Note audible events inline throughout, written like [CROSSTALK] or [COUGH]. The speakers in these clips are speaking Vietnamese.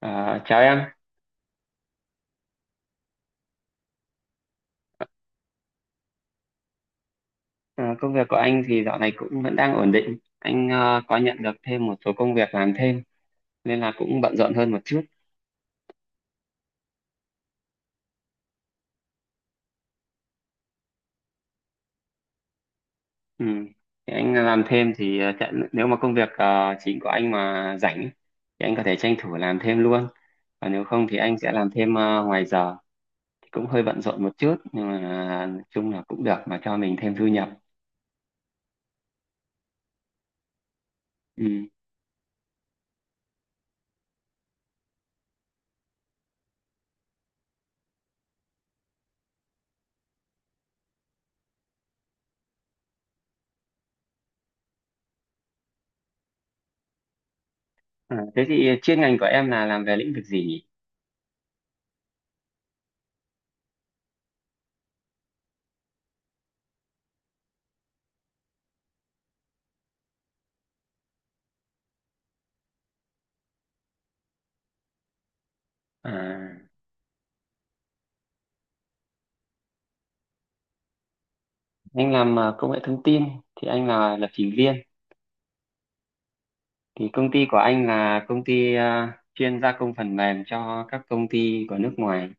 À, chào em, à, công việc của anh thì dạo này cũng vẫn đang ổn định. Anh có nhận được thêm một số công việc làm thêm nên là cũng bận rộn hơn một chút. Ừ. Thì anh làm thêm thì nếu mà công việc chính của anh mà rảnh ấy, thì anh có thể tranh thủ làm thêm luôn. Còn nếu không thì anh sẽ làm thêm ngoài giờ. Thì cũng hơi bận rộn một chút nhưng mà nói chung là cũng được mà cho mình thêm thu nhập. Ừ. À, thế thì chuyên ngành của em là làm về lĩnh vực gì nhỉ? À, anh làm công nghệ thông tin thì anh là lập trình viên. Thì công ty của anh là công ty chuyên gia công phần mềm cho các công ty của nước ngoài.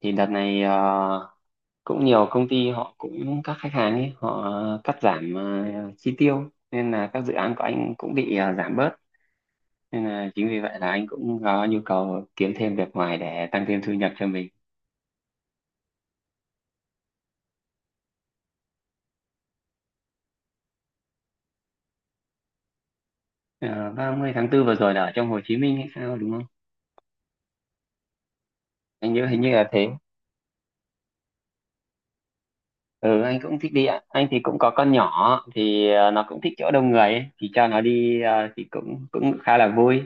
Thì đợt này cũng nhiều công ty họ cũng các khách hàng ấy họ cắt giảm chi tiêu nên là các dự án của anh cũng bị giảm bớt. Nên là chính vì vậy là anh cũng có nhu cầu kiếm thêm việc ngoài để tăng thêm thu nhập cho mình. Ờ, 30 tháng 4 vừa rồi là ở trong Hồ Chí Minh hay sao đúng không? Anh nhớ hình như là thế. Ừ, anh cũng thích đi ạ. Anh thì cũng có con nhỏ thì nó cũng thích chỗ đông người ấy, thì cho nó đi thì cũng cũng khá là vui.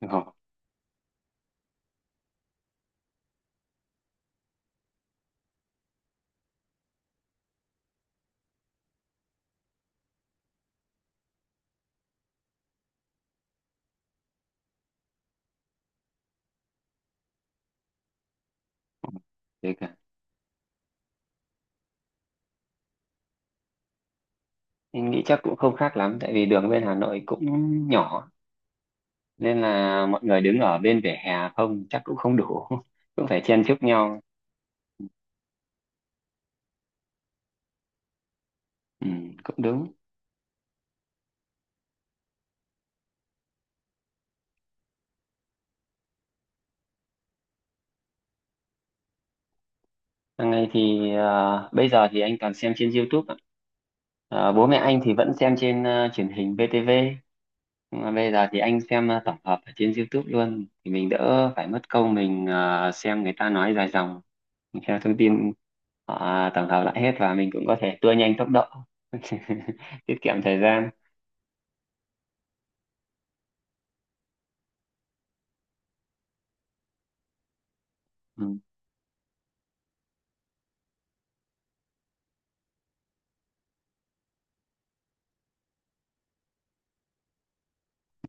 Ừ. Thế cả. Anh nghĩ chắc cũng không khác lắm tại vì đường bên Hà Nội cũng nhỏ, nên là mọi người đứng ở bên vỉa hè không chắc cũng không đủ [LAUGHS] cũng phải chen chúc nhau. Ừ, cũng đúng. Hàng ngày thì bây giờ thì anh toàn xem trên YouTube ạ. Bố mẹ anh thì vẫn xem trên truyền hình VTV. Mà bây giờ thì anh xem tổng hợp ở trên YouTube luôn, thì mình đỡ phải mất công mình xem người ta nói dài dòng, mình theo thông tin họ tổng hợp lại hết và mình cũng có thể tua nhanh tốc độ [LAUGHS] tiết kiệm thời gian. Ừ,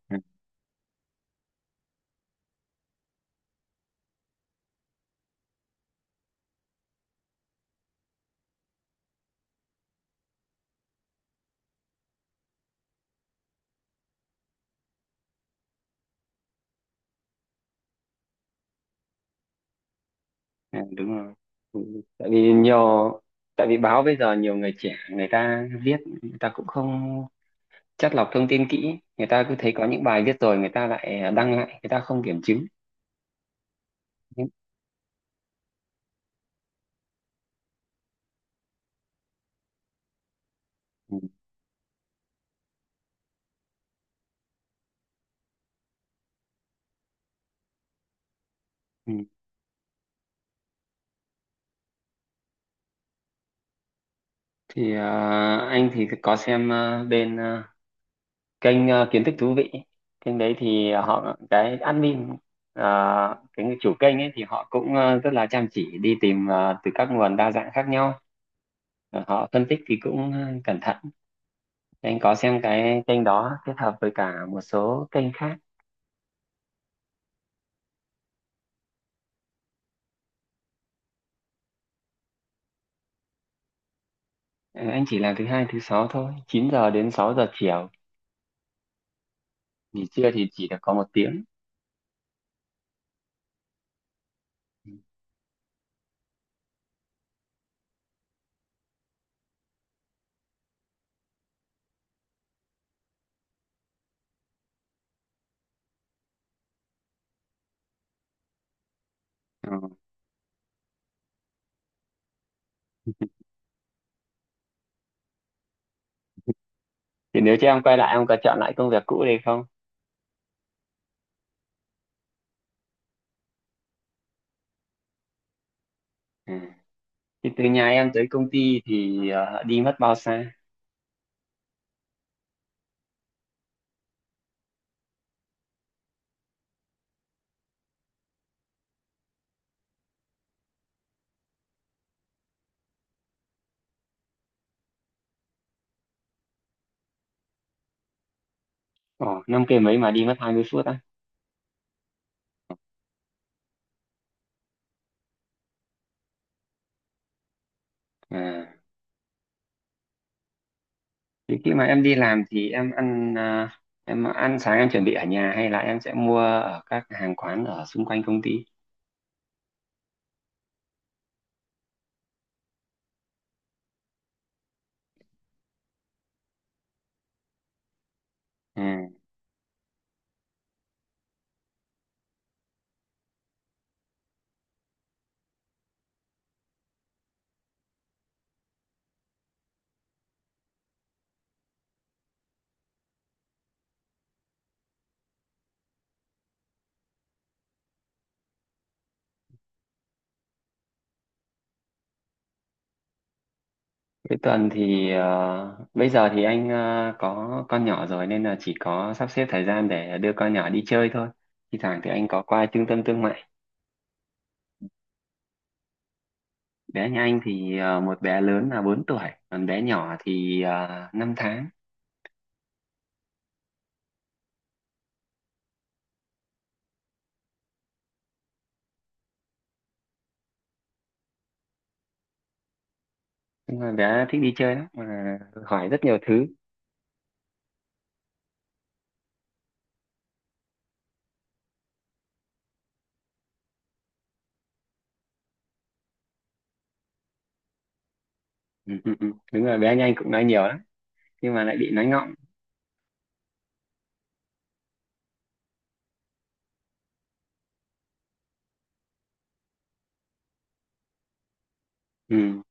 ừ, ừ, đúng rồi. Ừ, tại vì báo bây giờ nhiều người trẻ người ta viết người ta cũng không chắt lọc thông tin kỹ, người ta cứ thấy có những bài viết rồi người ta lại đăng lại, người ta không kiểm chứng. Ừ. Ừ. Ừ. Thì anh thì có xem bên kênh kiến thức thú vị. Kênh đấy thì họ, cái admin ờ, cái người chủ kênh ấy, thì họ cũng rất là chăm chỉ đi tìm từ các nguồn đa dạng khác nhau. Họ phân tích thì cũng cẩn thận. Anh có xem cái kênh đó kết hợp với cả một số kênh khác. Ờ, anh chỉ làm thứ hai thứ sáu thôi, 9 giờ đến 6 giờ chiều, nghỉ trưa thì chỉ được có một tiếng. Ừ. Thì nếu cho em quay lại em có chọn lại công việc cũ đây không? Ừ. Thì từ nhà em tới công ty thì đi mất bao xa? Ồ, 5 cây mấy mà đi mất 20 phút á. À, thì khi mà em đi làm thì em ăn sáng em chuẩn bị ở nhà hay là em sẽ mua ở các hàng quán ở xung quanh công ty? À, cuối tuần thì bây giờ thì anh có con nhỏ rồi nên là chỉ có sắp xếp thời gian để đưa con nhỏ đi chơi thôi. Thì thoảng thì anh có qua trung tâm thương mại. Bé nhà anh thì một bé lớn là 4 tuổi, còn bé nhỏ thì 5 tháng. Nhưng mà bé thích đi chơi lắm mà hỏi rất nhiều thứ. Ừ, ừ, ừ. Đúng rồi, bé anh cũng nói nhiều lắm nhưng mà lại bị nói ngọng. Ừ,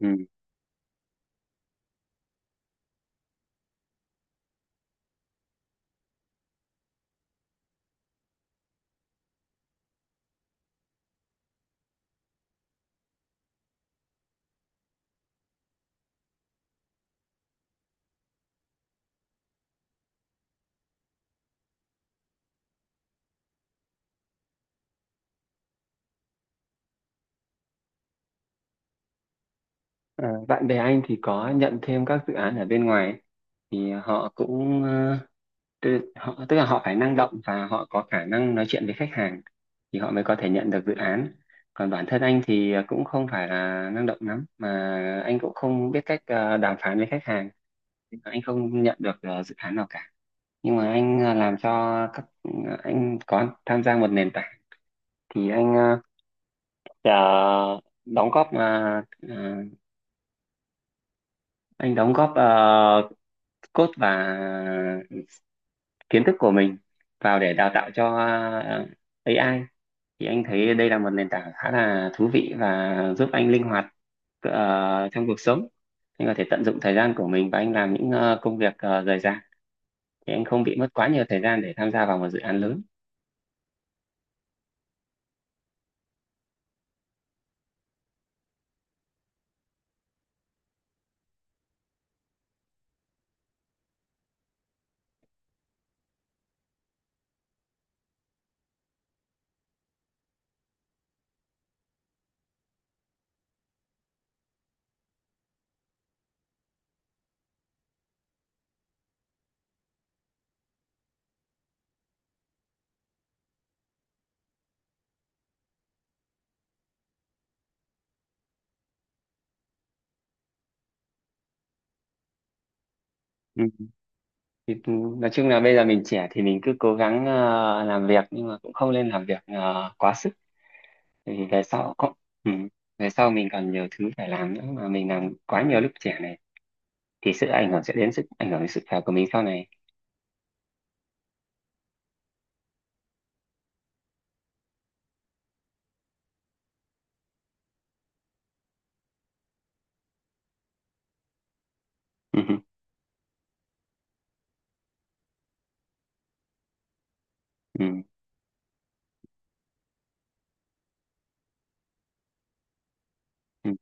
ừ. Ờ, bạn bè anh thì có nhận thêm các dự án ở bên ngoài ấy, thì họ cũng tức là họ phải năng động và họ có khả năng nói chuyện với khách hàng thì họ mới có thể nhận được dự án. Còn bản thân anh thì cũng không phải là năng động lắm mà anh cũng không biết cách đàm phán với khách hàng. Anh không nhận được dự án nào cả. Nhưng mà anh ờ, làm cho các Anh có tham gia một nền tảng, thì anh Dạ, đóng góp à, à, anh đóng góp code và kiến thức của mình vào để đào tạo cho AI. Thì anh thấy đây là một nền tảng khá là thú vị và giúp anh linh hoạt trong cuộc sống. Anh có thể tận dụng thời gian của mình và anh làm những công việc rời rạc, thì anh không bị mất quá nhiều thời gian để tham gia vào một dự án lớn. Ừ. Thì, nói chung là bây giờ mình trẻ thì mình cứ cố gắng làm việc nhưng mà cũng không nên làm việc quá sức, thì về sau ừ, về sau mình còn nhiều thứ phải làm nữa, mà mình làm quá nhiều lúc trẻ này thì sự ảnh hưởng sẽ đến sức ảnh hưởng đến sức khỏe của mình sau này. [LAUGHS] Ừ, ừ, ừ.